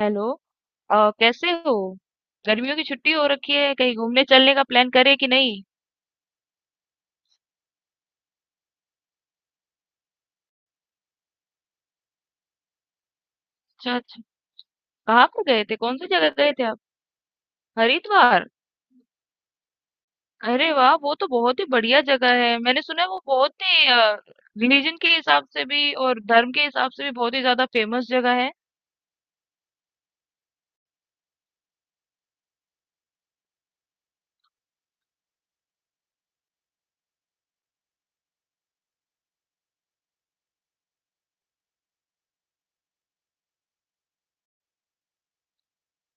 Hello. कैसे हो? गर्मियों की छुट्टी हो रखी है, कहीं घूमने चलने का प्लान करे कि नहीं? अच्छा, अच्छा। कहाँ पर गए थे, कौन सी जगह गए थे आप? हरिद्वार। अरे वाह, वो तो बहुत ही बढ़िया जगह है, मैंने सुना है वो बहुत ही रिलीजन के हिसाब से भी और धर्म के हिसाब से भी बहुत ही ज्यादा फेमस जगह है।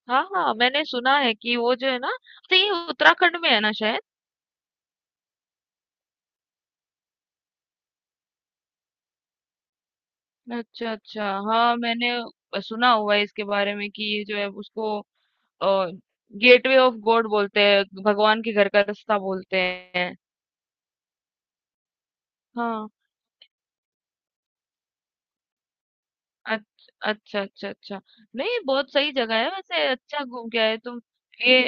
हाँ हाँ, मैंने सुना है कि वो जो है ना, तो ये उत्तराखंड में है ना शायद। अच्छा अच्छा, हाँ मैंने सुना हुआ है इसके बारे में कि ये जो है उसको और गेटवे ऑफ गॉड बोलते हैं, भगवान के घर का रास्ता बोलते हैं। हाँ, अच्छा, अच्छा, अच्छा। नहीं, ये बहुत सही जगह है वैसे, अच्छा घूम के आए तुम। ये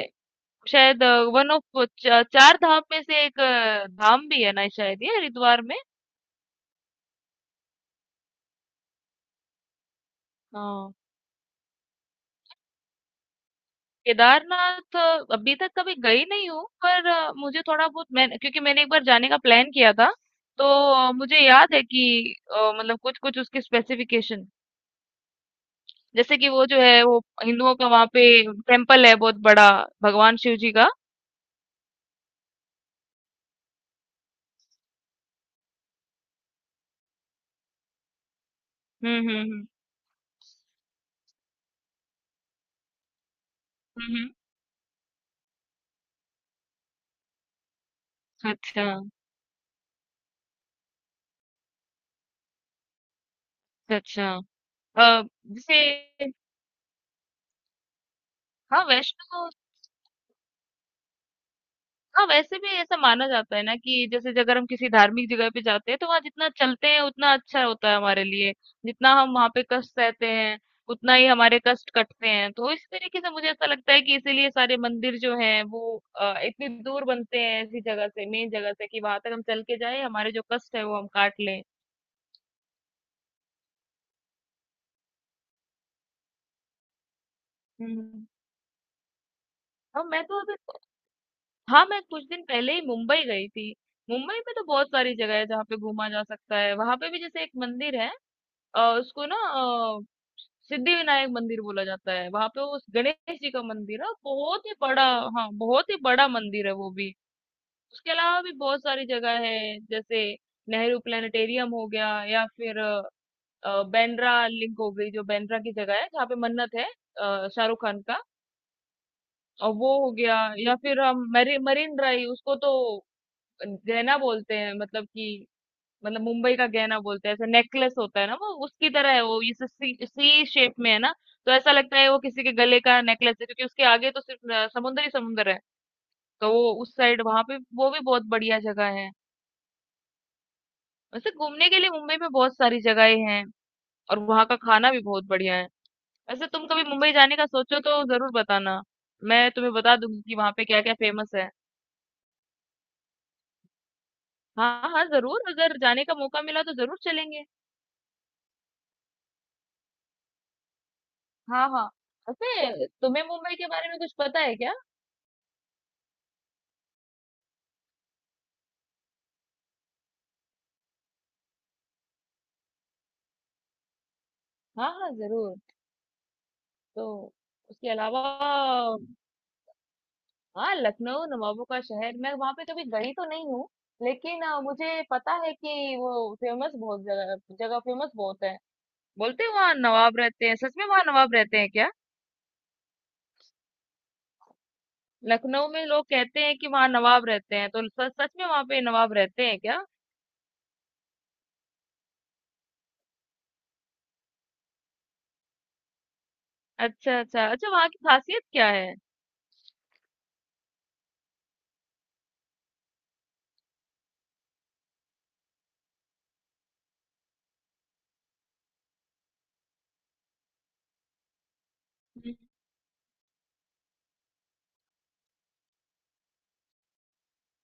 शायद वन ऑफ च 4 धाम में से एक धाम भी है ना शायद, ये हरिद्वार में? हाँ। केदारनाथ अभी तक कभी गई नहीं हूँ, पर मुझे थोड़ा बहुत, मैंने क्योंकि मैंने एक बार जाने का प्लान किया था, तो मुझे याद है कि मतलब कुछ-कुछ उसके स्पेसिफिकेशन, जैसे कि वो जो है वो हिंदुओं का वहां पे टेम्पल है बहुत बड़ा, भगवान शिव जी का। हम्म। हम्म, हम्म। अच्छा अच्छा अच्छा। जैसे। हाँ वैष्णो। हाँ, वैसे भी ऐसा माना जाता है ना कि जैसे कि अगर हम किसी धार्मिक जगह पे जाते हैं तो वहाँ जितना चलते हैं उतना अच्छा होता है हमारे लिए, जितना हम वहाँ पे कष्ट सहते हैं उतना ही हमारे कष्ट कटते हैं। तो इस तरीके से मुझे ऐसा लगता है कि इसीलिए सारे मंदिर जो हैं वो इतनी दूर बनते हैं ऐसी जगह से, मेन जगह से, कि वहां तक हम चल के जाए, हमारे जो कष्ट है वो हम काट लें। हम्म। हाँ मैं तो अभी, हाँ मैं कुछ दिन पहले ही मुंबई गई थी। मुंबई में तो बहुत सारी जगह है जहाँ पे घूमा जा सकता है। वहां पे भी जैसे एक मंदिर है, उसको ना सिद्धिविनायक मंदिर बोला जाता है, वहां पे उस गणेश जी का मंदिर है बहुत ही बड़ा। हाँ, बहुत ही बड़ा मंदिर है वो भी। उसके अलावा भी बहुत सारी जगह है, जैसे नेहरू प्लानिटेरियम हो गया, या फिर बांद्रा लिंक हो गई, जो बांद्रा की जगह है जहाँ पे मन्नत है शाहरुख खान का। और वो हो गया, या फिर हम मरीन ड्राइव, उसको तो जैना बोलते हैं, मतलब कि मतलब मुंबई का गहना बोलते हैं। ऐसा नेकलेस होता है ना, वो उसकी तरह है, वो इस सी शेप में है ना। तो ऐसा लगता है वो किसी के गले का नेकलेस है, क्योंकि उसके आगे तो सिर्फ समुंदर ही समुंदर है। तो वो उस साइड, वहां पे वो भी बहुत बढ़िया जगह है। वैसे घूमने के लिए मुंबई में बहुत सारी जगहें हैं और वहां का खाना भी बहुत बढ़िया है। वैसे तुम कभी मुंबई जाने का सोचो तो जरूर बताना, मैं तुम्हें बता दूंगी कि वहां पे क्या क्या फेमस है। हाँ हाँ जरूर, अगर जाने का मौका मिला तो जरूर चलेंगे। हाँ हाँ। वैसे तुम्हें मुंबई के बारे में कुछ पता है क्या? हाँ हाँ जरूर। तो उसके अलावा, हाँ लखनऊ नवाबों का शहर, मैं वहां पे कभी गई तो नहीं हूँ, लेकिन मुझे पता है कि वो फेमस बहुत जगह जगह फेमस बहुत है। बोलते हैं वहाँ नवाब रहते हैं, सच में वहाँ नवाब रहते हैं क्या? लखनऊ में लोग कहते हैं कि वहाँ नवाब रहते हैं, तो सच सच में वहाँ पे नवाब रहते हैं क्या? अच्छा अच्छा अच्छा। वहाँ की खासियत क्या है? हम्म,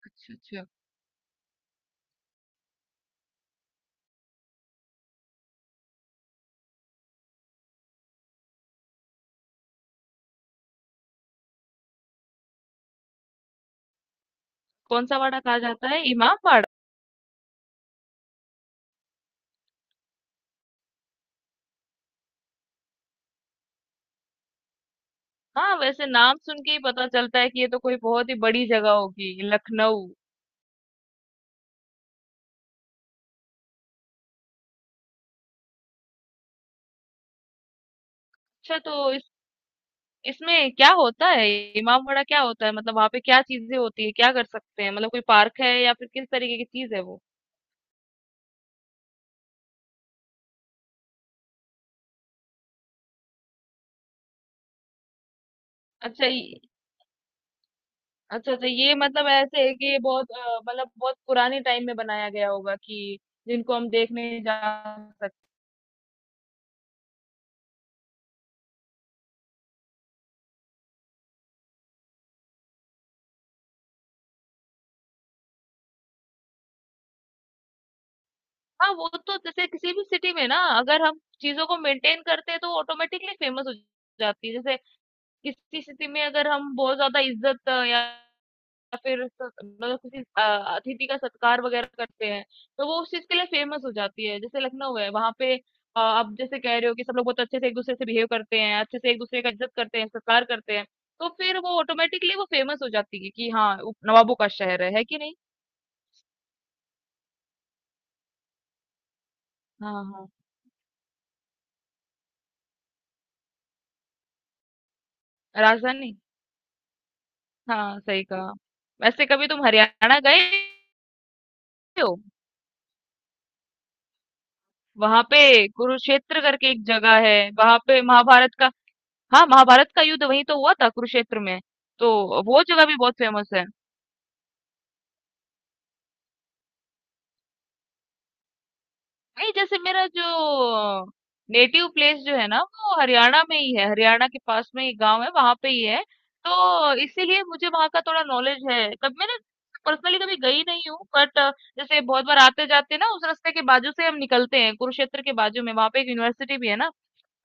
अच्छा अच्छा। कौन सा वाड़ा कहा जाता है, इमामबाड़ा? हाँ, वैसे नाम सुन के ही पता चलता है कि ये तो कोई बहुत ही बड़ी जगह होगी लखनऊ। अच्छा तो इस, इसमें क्या होता है? इमामबाड़ा क्या होता है? मतलब वहां पे क्या चीजें होती है, क्या कर सकते हैं? मतलब कोई पार्क है या फिर किस तरीके की चीज है वो? अच्छा, ये- अच्छा, तो ये मतलब ऐसे है कि ये बहुत मतलब बहुत पुराने टाइम में बनाया गया होगा कि जिनको हम देखने जा सकते। हाँ, वो तो जैसे किसी भी सिटी में ना, अगर हम चीजों को मेंटेन करते हैं तो ऑटोमेटिकली फेमस हो जाती है। जैसे किसी स्थिति में अगर हम बहुत ज़्यादा इज़्ज़त या फिर स मतलब किसी अतिथि का सत्कार वग़ैरह करते हैं, तो वो उस चीज़ के लिए फ़ेमस हो जाती है। जैसे लखनऊ है, वहाँ पे आप जैसे कह रहे हो कि सब लोग बहुत अच्छे से एक-दूसरे से बिहेव करते हैं, अच्छे से एक-दूसरे का इज़्ज़त करते हैं, सत्कार करते हैं, तो फिर वो ऑटोमेटिकली वो फ़ेमस हो जाती है कि हाँ, वो नवाबों का शहर है कि नहीं? हाँ, हाँ। राजधानी। हाँ, सही कहा। वैसे कभी तुम हरियाणा गए हो? वहाँ पे कुरुक्षेत्र करके एक जगह है, वहाँ पे महाभारत का, हाँ, महाभारत का युद्ध वहीं तो हुआ था कुरुक्षेत्र में, तो वो जगह भी बहुत फेमस है। नहीं, जैसे मेरा जो नेटिव प्लेस जो है ना वो हरियाणा में ही है, हरियाणा के पास में ही गांव है, वहां पे ही है। तो इसीलिए मुझे वहां का थोड़ा नॉलेज है। कभी मैंने पर्सनली कभी गई नहीं हूँ, बट जैसे बहुत बार आते जाते ना, उस रास्ते के बाजू से हम निकलते हैं, कुरुक्षेत्र के बाजू में वहां पे एक यूनिवर्सिटी भी है ना,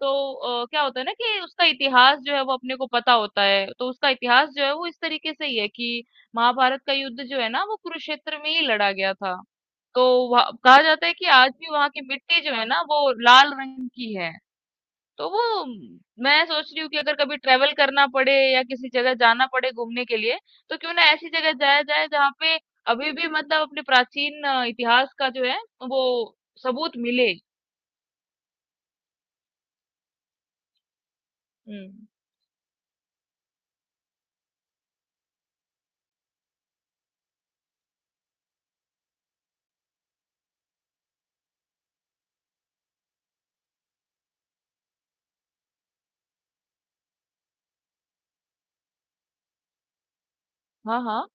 तो क्या होता है ना कि उसका इतिहास जो है वो अपने को पता होता है। तो उसका इतिहास जो है वो इस तरीके से ही है कि महाभारत का युद्ध जो है ना, वो कुरुक्षेत्र में ही लड़ा गया था। तो वहाँ- कहा जाता है कि आज भी वहां की मिट्टी जो है ना वो लाल रंग की है। तो वो मैं सोच रही हूँ कि अगर कभी ट्रेवल करना पड़े या किसी जगह जाना पड़े घूमने के लिए, तो क्यों ना ऐसी जगह जाया जाए जहाँ पे अभी भी मतलब अपने प्राचीन इतिहास का जो है वो सबूत मिले। हम्म। हाँ हाँ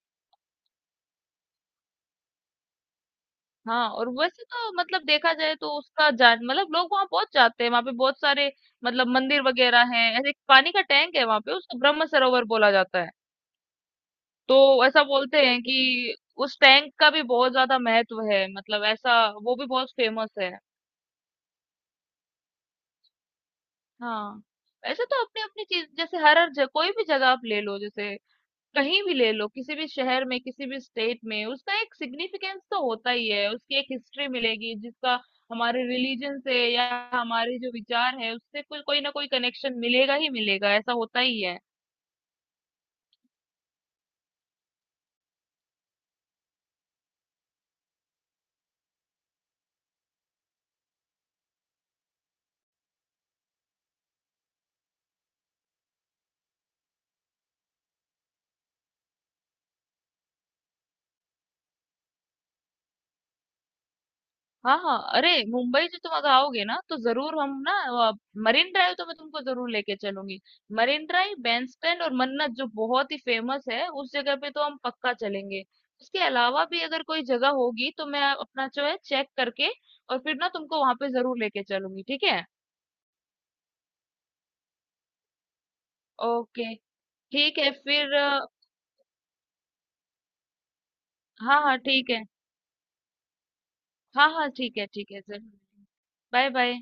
हाँ। और वैसे तो मतलब देखा जाए तो उसका जान मतलब लोग वहां बहुत जाते हैं। वहां पे बहुत सारे मतलब मंदिर वगैरह हैं, ऐसे एक पानी का टैंक है वहां पे, उसको ब्रह्म सरोवर बोला जाता है। तो ऐसा बोलते हैं कि उस टैंक का भी बहुत ज्यादा महत्व है, मतलब ऐसा, वो भी बहुत फेमस है। हाँ। ऐसे तो अपनी अपनी चीज, जैसे हर हर जगह, कोई भी जगह आप ले लो, जैसे कहीं भी ले लो, किसी भी शहर में, किसी भी स्टेट में, उसका एक सिग्निफिकेंस तो होता ही है, उसकी एक हिस्ट्री मिलेगी जिसका हमारे रिलीजन से या हमारे जो विचार है उससे कोई कोई ना कोई कनेक्शन मिलेगा ही मिलेगा, ऐसा होता ही है। हाँ हाँ, अरे मुंबई से तुम अगर आओगे ना, तो जरूर हम ना मरीन ड्राइव तो मैं तुमको जरूर लेके चलूंगी। मरीन ड्राइव, बैंड स्टैंड और मन्नत जो बहुत ही फेमस है, उस जगह पे तो हम पक्का चलेंगे। उसके अलावा भी अगर कोई जगह होगी तो मैं अपना जो है चेक करके और फिर ना तुमको वहां पे जरूर लेके चलूंगी, ठीक है? ओके, ठीक है फिर। हाँ हाँ ठीक है। हाँ हाँ ठीक है, ठीक है जरूर। Bye bye.